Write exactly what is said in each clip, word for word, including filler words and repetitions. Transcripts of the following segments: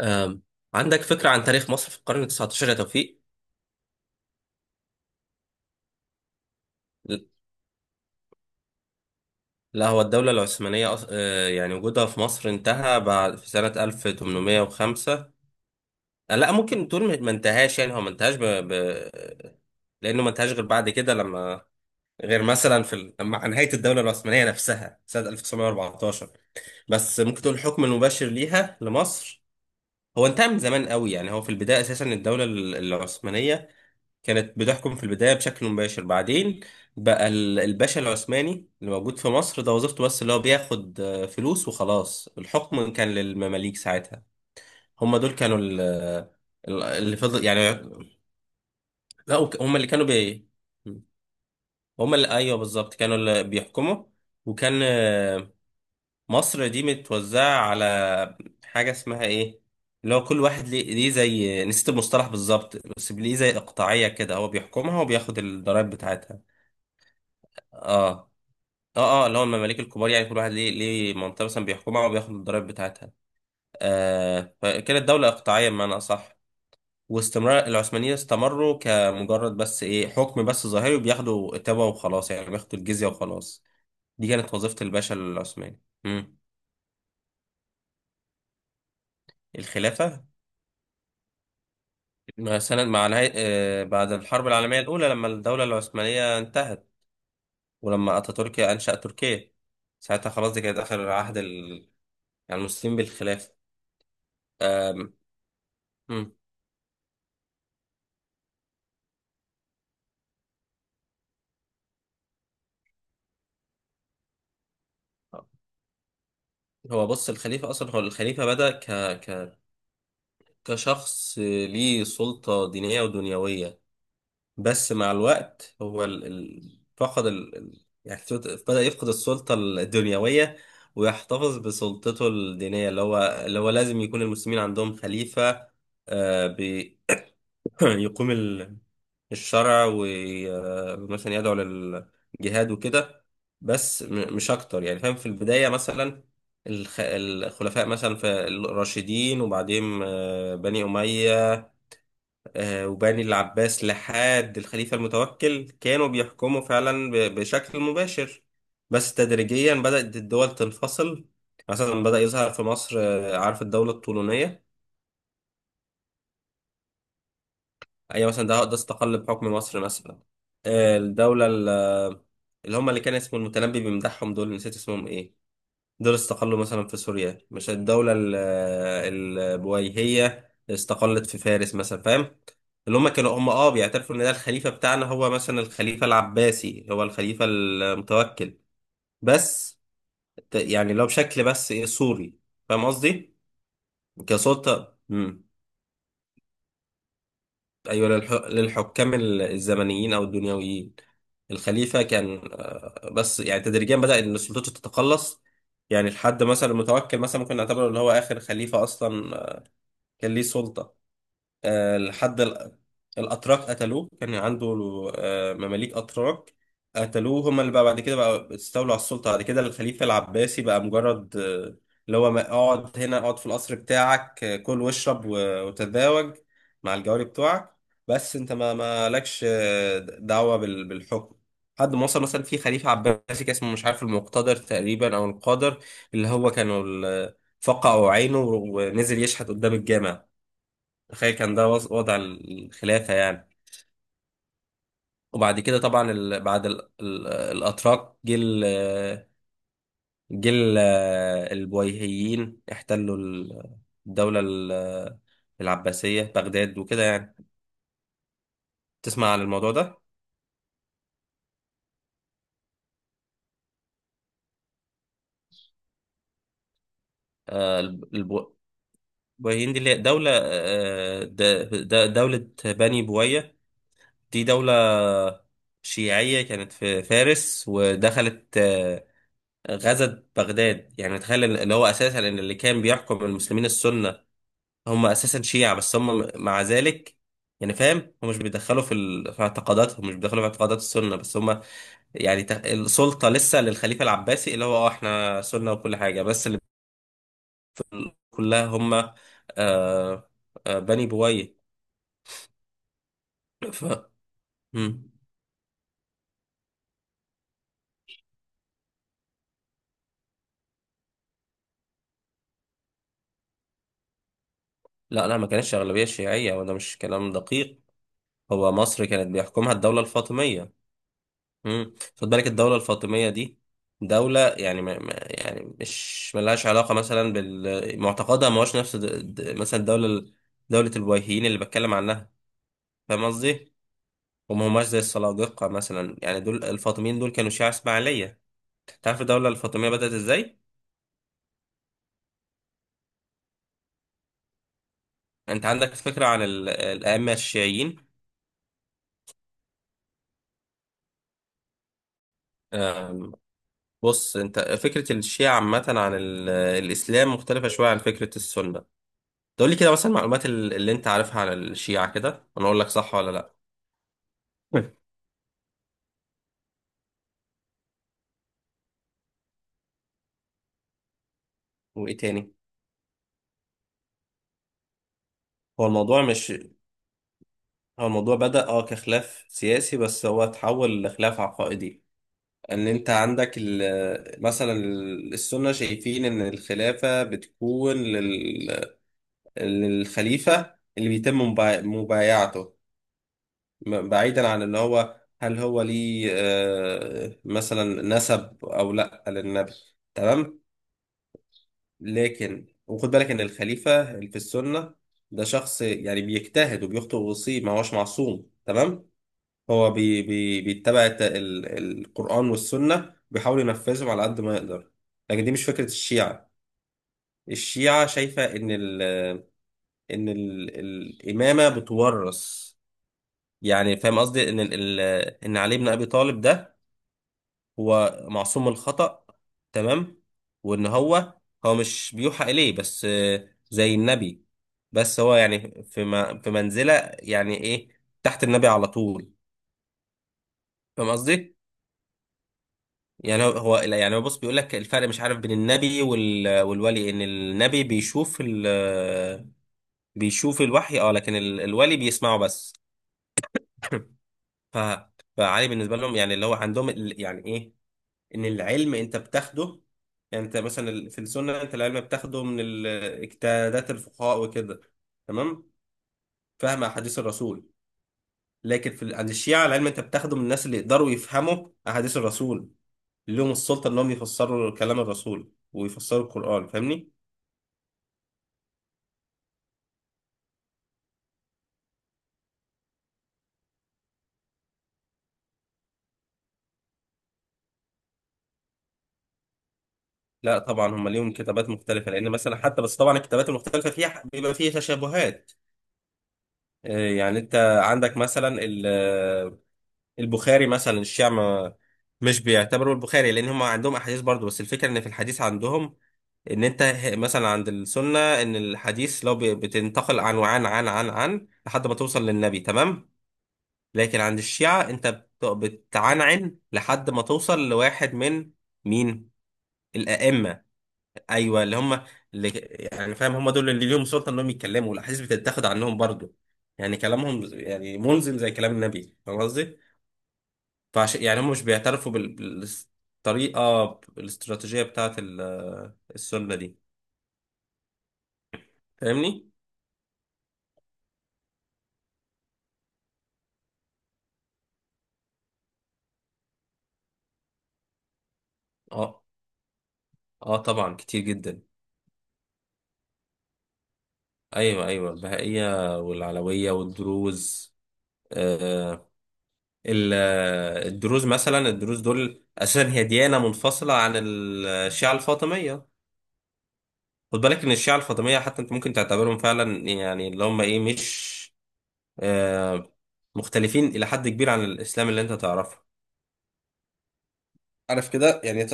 آم، عندك فكرة عن تاريخ مصر في القرن التسعتاشر يا توفيق؟ لا، هو الدولة العثمانية أص- آه، يعني وجودها في مصر انتهى بعد في سنة ألف وتمنمية وخمسة. آه، لا، ممكن تقول ما ما انتهاش، يعني هو ما انتهاش ب... ب... لأنه ما انتهاش غير بعد كده، لما غير مثلا في ال... مع نهاية الدولة العثمانية نفسها سنة ألف وتسعمية وأربعتاشر. بس ممكن تقول الحكم المباشر ليها لمصر هو انتهى من زمان قوي، يعني هو في البداية أساسا الدولة ال- العثمانية كانت بتحكم في البداية بشكل مباشر، بعدين بقى ال- الباشا العثماني اللي موجود في مصر ده وظيفته بس، اللي هو بياخد آه، فلوس وخلاص. الحكم كان للمماليك ساعتها، هم دول كانوا ال- ال- اللي فضل يعني. لا، وك- هم اللي كانوا بي، هم اللي ايوه بالظبط كانوا اللي بيحكموا. وكان آه، مصر دي متوزعة على حاجة اسمها ايه، اللي هو كل واحد ليه ليه زي، نسيت المصطلح بالظبط، بس ليه زي اقطاعية كده، هو بيحكمها وبياخد الضرايب بتاعتها. اه اه اه، اللي هو المماليك الكبار، يعني كل واحد ليه ليه منطقه مثلا بيحكمها وبياخد الضرايب بتاعتها. آه، فكده الدوله اقطاعيه بمعنى اصح. واستمرار العثمانيين استمروا كمجرد بس ايه، حكم بس ظاهري وبياخدوا تبع وخلاص، يعني بياخدوا الجزيه وخلاص. دي كانت وظيفه الباشا العثماني. امم الخلافه مع سنة، مع نهاية آه، بعد الحرب العالميه الاولى، لما الدوله العثمانيه انتهت، ولما اتاتورك انشأ تركيا، ساعتها خلاص، دي كانت اخر عهد ال- يعني المسلمين بالخلافه. آم، مم. هو بص، الخليفة أصلا، هو الخليفة بدأ ك... ك... كشخص ليه سلطة دينية ودنيوية، بس مع الوقت هو ال... ال... فقد ال... ال- يعني فت- بدأ يفقد السلطة الدنيوية ويحتفظ بسلطته الدينية، اللي هو اللي هو لازم يكون المسلمين عندهم خليفة. آه، ب... يقوم ال- الشرع ومثلا يدعو للجهاد وكده، بس م- مش اكتر، يعني فاهم. في البداية مثلا الخ- الخلفاء مثلا في الراشدين، وبعدين آه، بني أمية، آه، وبني العباس لحد الخليفة المتوكل كانوا بيحكموا فعلا ب- بشكل مباشر، بس تدريجيا بدأت الدول تنفصل. مثلا بدأ يظهر في مصر، آه، عارف الدولة الطولونية؟ ايوه مثلا، ده ده استقل بحكم مصر مثلا. آه، الدولة ال- اللي هم، اللي كان اسمه المتنبي بيمدحهم، دول نسيت اسمهم ايه، دول استقلوا مثلا في سوريا. مش الدولة ال- البويهية استقلت في فارس مثلا، فاهم؟ اللي هم كانوا هم اه بيعترفوا ان ده الخليفة بتاعنا، هو مثلا الخليفة العباسي هو الخليفة المتوكل، بس ت- يعني لو بشكل، بس إيه، سوري، فاهم قصدي؟ كسلطة، أيوة للح... للحكام ال- الزمنيين أو الدنيويين، الخليفة كان آه، بس يعني تدريجيا بدأ إن السلطات تتقلص. يعني لحد مثلا المتوكل، مثلا ممكن نعتبره اللي هو آخر خليفة أصلا آه، كان ليه سلطة، آه، لحد ال- الأتراك قتلوه. كان عنده آه، مماليك أتراك قتلوه، هما اللي بقى بعد كده بقى استولوا على السلطة. بعد كده الخليفة العباسي بقى مجرد آه، اللي هو ما- اقعد هنا، اقعد في القصر بتاعك، آه، كل واشرب و- وتتزوج مع الجواري بتوعك، بس انت ما ما لكش آه، دعوة بال- بالحكم، لحد ما وصل مثلا في خليفة عباسي كان اسمه، مش عارف، المقتدر تقريبا أو القادر، اللي هو كانوا ال- فقعوا عينه ونزل يشحت قدام الجامع. تخيل كان ده وض- وضع الخلافة يعني. وبعد كده طبعا ال... بعد ال... ال... الأتراك، جه ال... جه ال... البويهيين احتلوا ال- الدولة ال- العباسية بغداد وكده يعني. تسمع عن الموضوع ده؟ آه الب- البو- البويهيين دي اللي هي دولة، آه، د- د- دولة بني بويه، دي دولة شيعية كانت في فارس، ودخلت آه، غزت بغداد. يعني تخيل إن- اللي هو أساسا إن اللي كان بيحكم المسلمين السنة هم اساسا شيعة، بس هم مع ذلك يعني فاهم، هم مش بيدخلوا في ال- في اعتقاداتهم، مش بيدخلوا في اعتقادات السنة، بس هم يعني تخ- السلطة لسه للخليفة العباسي، اللي هو اه احنا سنة وكل حاجة، بس اللي كلها هم آه، آه بني بويه. ف... مم. لا لا، ما كانتش أغلبية شيعية، وده مش كلام دقيق. هو مصر كانت بيحكمها الدولة الفاطمية. امم، خد بالك الدولة الفاطمية دي دولة يعني ما ما- يعني مش ملهاش علاقة مثلا بال معتقدها، ما هوش نفس د- د- مثلا الدولة ال- دولة الوهيين اللي بتكلم عنها، فاهم قصدي؟ وما هماش زي السلاجقة مثلا. يعني دول الفاطميين دول كانوا شيعة إسماعيلية. أنت عارف الدولة الفاطمية بدأت إزاي؟ أنت عندك فكرة عن ال- الأئمة الشيعيين؟ آه، بص أنت، فكرة الشيعة عامة عن ال- الإسلام مختلفة شوية عن فكرة السنة. تقول لي كده مثلا المعلومات ال- اللي أنت عارفها عن الشيعة كده، وأنا أقول لك صح ولا لأ. وايه تاني؟ هو الموضوع مش هو الموضوع بدأ اه كخلاف سياسي، بس هو اتحول لخلاف عقائدي. ان انت عندك ال- مثلا ال- السنة شايفين ان الخلافة بتكون لل... للخليفة اللي بيتم مبا- مبايعته، م- بعيدا عن اللي هو هل هو ليه آه، مثلا نسب او لا للنبي، تمام. لكن وخد بالك ان الخليفه اللي في السنه ده شخص، يعني بيجتهد وبيخطئ ويصيب، ما هوش معصوم، تمام. هو بي بي بيتبع الت- ال- القران والسنه، وبيحاول ينفذهم على قد ما يقدر. لكن دي مش فكره الشيعه. الشيعه شايفه ان ال ان ال الامامه بتورث. يعني فاهم قصدي، ان ال ال- ان علي بن ابي طالب ده هو معصوم من الخطأ، تمام، وان هو، هو مش بيوحى اليه بس آه، زي النبي، بس هو يعني في م- في منزلة، يعني ايه، تحت النبي على طول، فاهم قصدي؟ يعني هو هو- لا، يعني هو بص، بيقول لك الفرق، مش عارف، بين النبي وال- والولي، ان النبي بيشوف ال، بيشوف الوحي اه، لكن ال- الولي بيسمعه بس. ف فعلي بالنسبة لهم، يعني اللي هو عندهم ال- يعني ايه، ان العلم انت بتاخده. يعني انت مثلا ال- في السنه انت العلم بتاخده من ال- اجتهادات الفقهاء وكده، تمام، فهم احاديث الرسول. لكن في ال- عند الشيعه العلم انت بتاخده من الناس اللي يقدروا يفهموا احاديث الرسول، اللي لهم السلطه انهم يفسروا كلام الرسول ويفسروا القران، فاهمني؟ لا طبعا هم ليهم كتابات مختلفه، لان مثلا حتى بس طبعا الكتابات المختلفه فيها بيبقى فيها تشابهات. آه، يعني انت عندك مثلا البخاري مثلا، الشيعة ما- مش بيعتبروا البخاري، لان هم عندهم احاديث برضو، بس الفكره ان في الحديث عندهم، ان انت ه- مثلا عند السنه ان الحديث لو ب- بتنتقل عن وعن عن عن عن لحد ما توصل للنبي، تمام. لكن عند الشيعة انت بت- بتعنعن لحد ما توصل لواحد من مين؟ الائمه، ايوه اللي هم، اللي يعني فاهم، هم دول اللي ليهم سلطه انهم يتكلموا، والاحاديث بتتاخد عنهم برضو، يعني كلامهم يعني ملزم زي كلام النبي، فاهم قصدي؟ فعشان يعني هم مش بيعترفوا بال- بالطريقة الاستراتيجية بتاعة ال- السنة دي، فاهمني؟ اه اه طبعا كتير جدا. ايوه ايوه، البهائية والعلوية والدروز. آه ال- الدروز مثلا، الدروز دول اساسا هي ديانة منفصلة عن الشيعة الفاطمية. خد بالك ان الشيعة الفاطمية حتى انت ممكن تعتبرهم فعلا يعني اللي هم ايه، مش آه، مختلفين الى حد كبير عن الاسلام اللي انت تعرفه، عارف كده يعني. ت...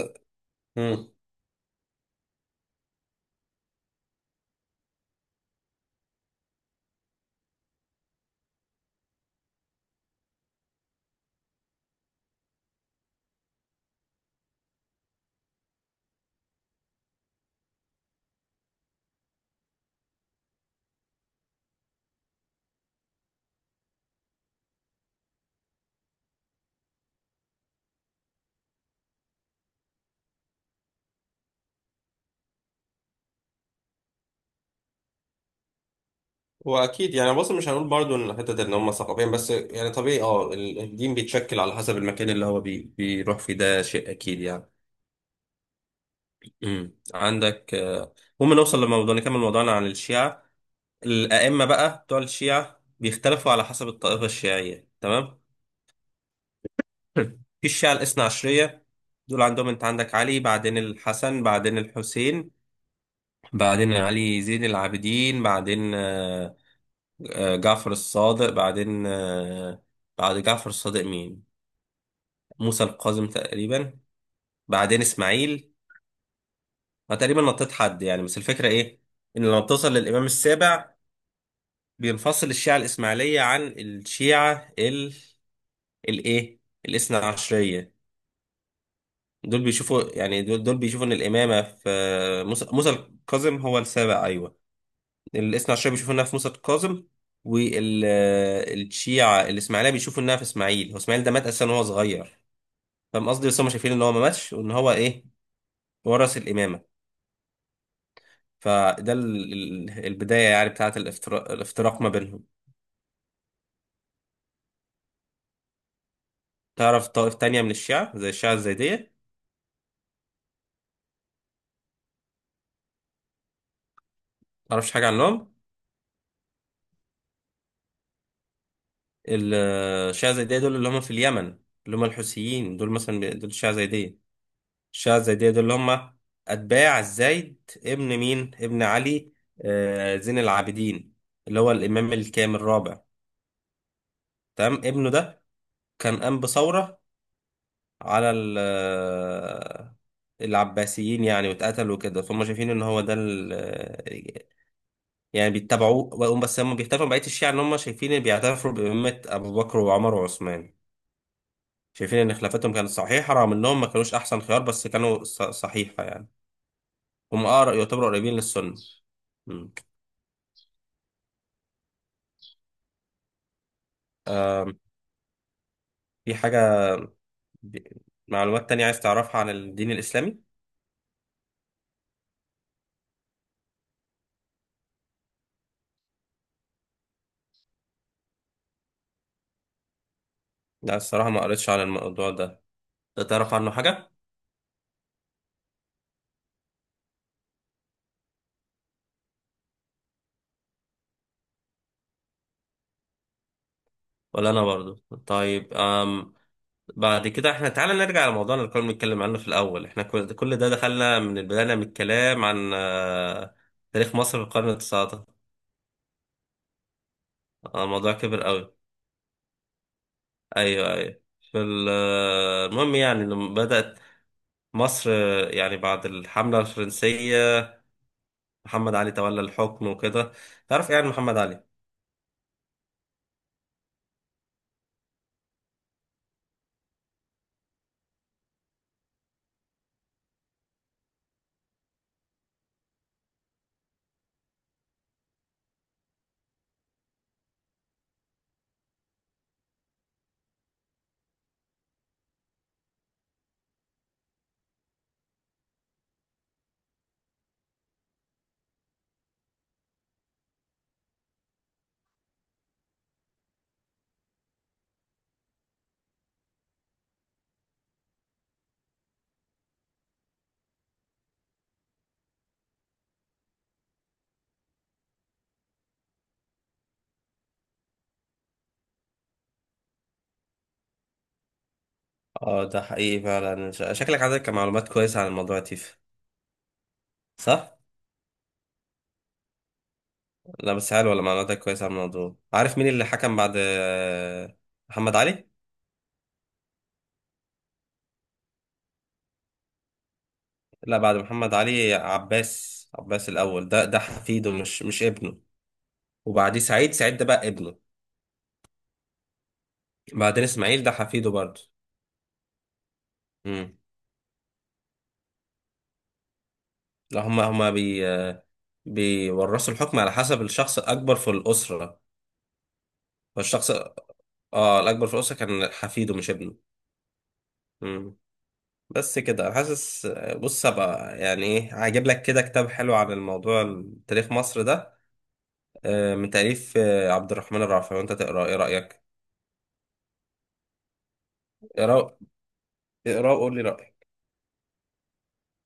واكيد يعني، بص مش هنقول برضو ان حته ان هم ثقافيا بس، يعني طبيعي اه ال- الدين بيتشكل على حسب المكان اللي هو بي بيروح فيه، ده شيء اكيد يعني. امم عندك آه، المهم نوصل لموضوع، نكمل موضوعنا عن الشيعه. الائمه بقى بتوع الشيعه بيختلفوا على حسب الطائفه الشيعيه، تمام. في الشيعه الاثنا عشريه دول عندهم، انت عندك علي، بعدين الحسن، بعدين الحسين، بعدين علي زين العابدين، بعدين آه، آه، جعفر الصادق، بعدين آه، بعد جعفر الصادق مين؟ موسى القاسم تقريبا، بعدين اسماعيل. انا تقريبا نطيت حد يعني، بس الفكره ايه؟ ان لما بتوصل للامام السابع بينفصل الشيعه الاسماعيليه عن الشيعه ال الايه الاثنى عشريه. دول بيشوفوا يعني، دول, دول بيشوفوا ان الامامه في موسى موسى القاسم، هو السابع، ايوه. الاثنى عشريه بيشوفوا انها في موسى القاسم، والشيعه الاسماعيليه بيشوفوا انها في اسماعيل. هو اسماعيل ده مات اساسا وهو صغير، فاهم قصدي، بس هم شايفين ان هو ما ماتش، وان هو ايه، ورث الامامه. فده ال- ال- البداية يعني بتاعت الافتراق, الافتراق ما بينهم. تعرف طائف تانية من الشيعة زي الشيعة الزيدية؟ متعرفش حاجة عنهم؟ ال- الشيعة الزيدية دول اللي هم في اليمن، اللي هم الحوثيين دول مثلا بي- دول الشيعة الزيدية. الشيعة الزيدية دول اللي هم أتباع الزيد ابن مين؟ ابن علي، آه، زين العابدين، اللي هو الإمام الكامل الرابع، تمام. ابنه ده كان قام بثورة على ال- آه، العباسيين يعني، واتقتل وكده، فهم شايفين ان هو ده ال- يعني بيتبعوه، وهم- بس هم بيختلفوا عن بقية الشيعة إن هم شايفين إن، بيعترفوا بإمامة أبو بكر وعمر وعثمان، شايفين إن خلافتهم كانت صحيحة رغم إنهم ما كانوش أحسن خيار، بس كانوا ص- صحيحة يعني. هم أقرب، يعتبروا قريبين للسنة. مم. في حاجة، ب- معلومات تانية عايز تعرفها عن الدين الإسلامي؟ لا الصراحة ما قريتش عن الموضوع ده. أنت تعرف عنه حاجة؟ ولا أنا برضو. طيب أم، بعد كده احنا تعالى نرجع لموضوعنا اللي كنا بنتكلم عنه في الأول. احنا كل كل ده دخلنا من البداية من الكلام عن آه، تاريخ مصر في القرن التسعة عشر، آه، الموضوع كبر قوي. أيوه أيوه. في ال- آه، المهم يعني لما بدأت مصر آه، يعني بعد الحملة الفرنسية، محمد علي تولى الحكم وكده. تعرف ايه عن محمد علي؟ اه ده حقيقي فعلا، ش- شكلك عندك معلومات كويسة عن الموضوع يا تيف، صح؟ لا بس حلوة ولا، معلوماتك كويسة عن الموضوع. عارف مين اللي حكم بعد آه، محمد علي؟ لا، بعد محمد علي عباس، عباس الأول ده ده حفيده، مش مش ابنه. وبعديه سعيد، سعيد ده بقى ابنه. بعدين إسماعيل ده حفيده برضه. امم، لا هما هما بي بيورثوا الحكم على حسب الشخص الأكبر في الأسرة. فالشخص اه الأكبر في الأسرة كان حفيده مش ابنه. امم، بس كده. أنا حاسس، بص هبقى يعني إيه، هجيب لك كده كتاب حلو عن الموضوع، تاريخ مصر ده، آه، من تأليف آه، عبد الرحمن الرافعي، وأنت تقرأ. إيه رأيك؟ اقرأ، اقرأ وقول لي رأيك.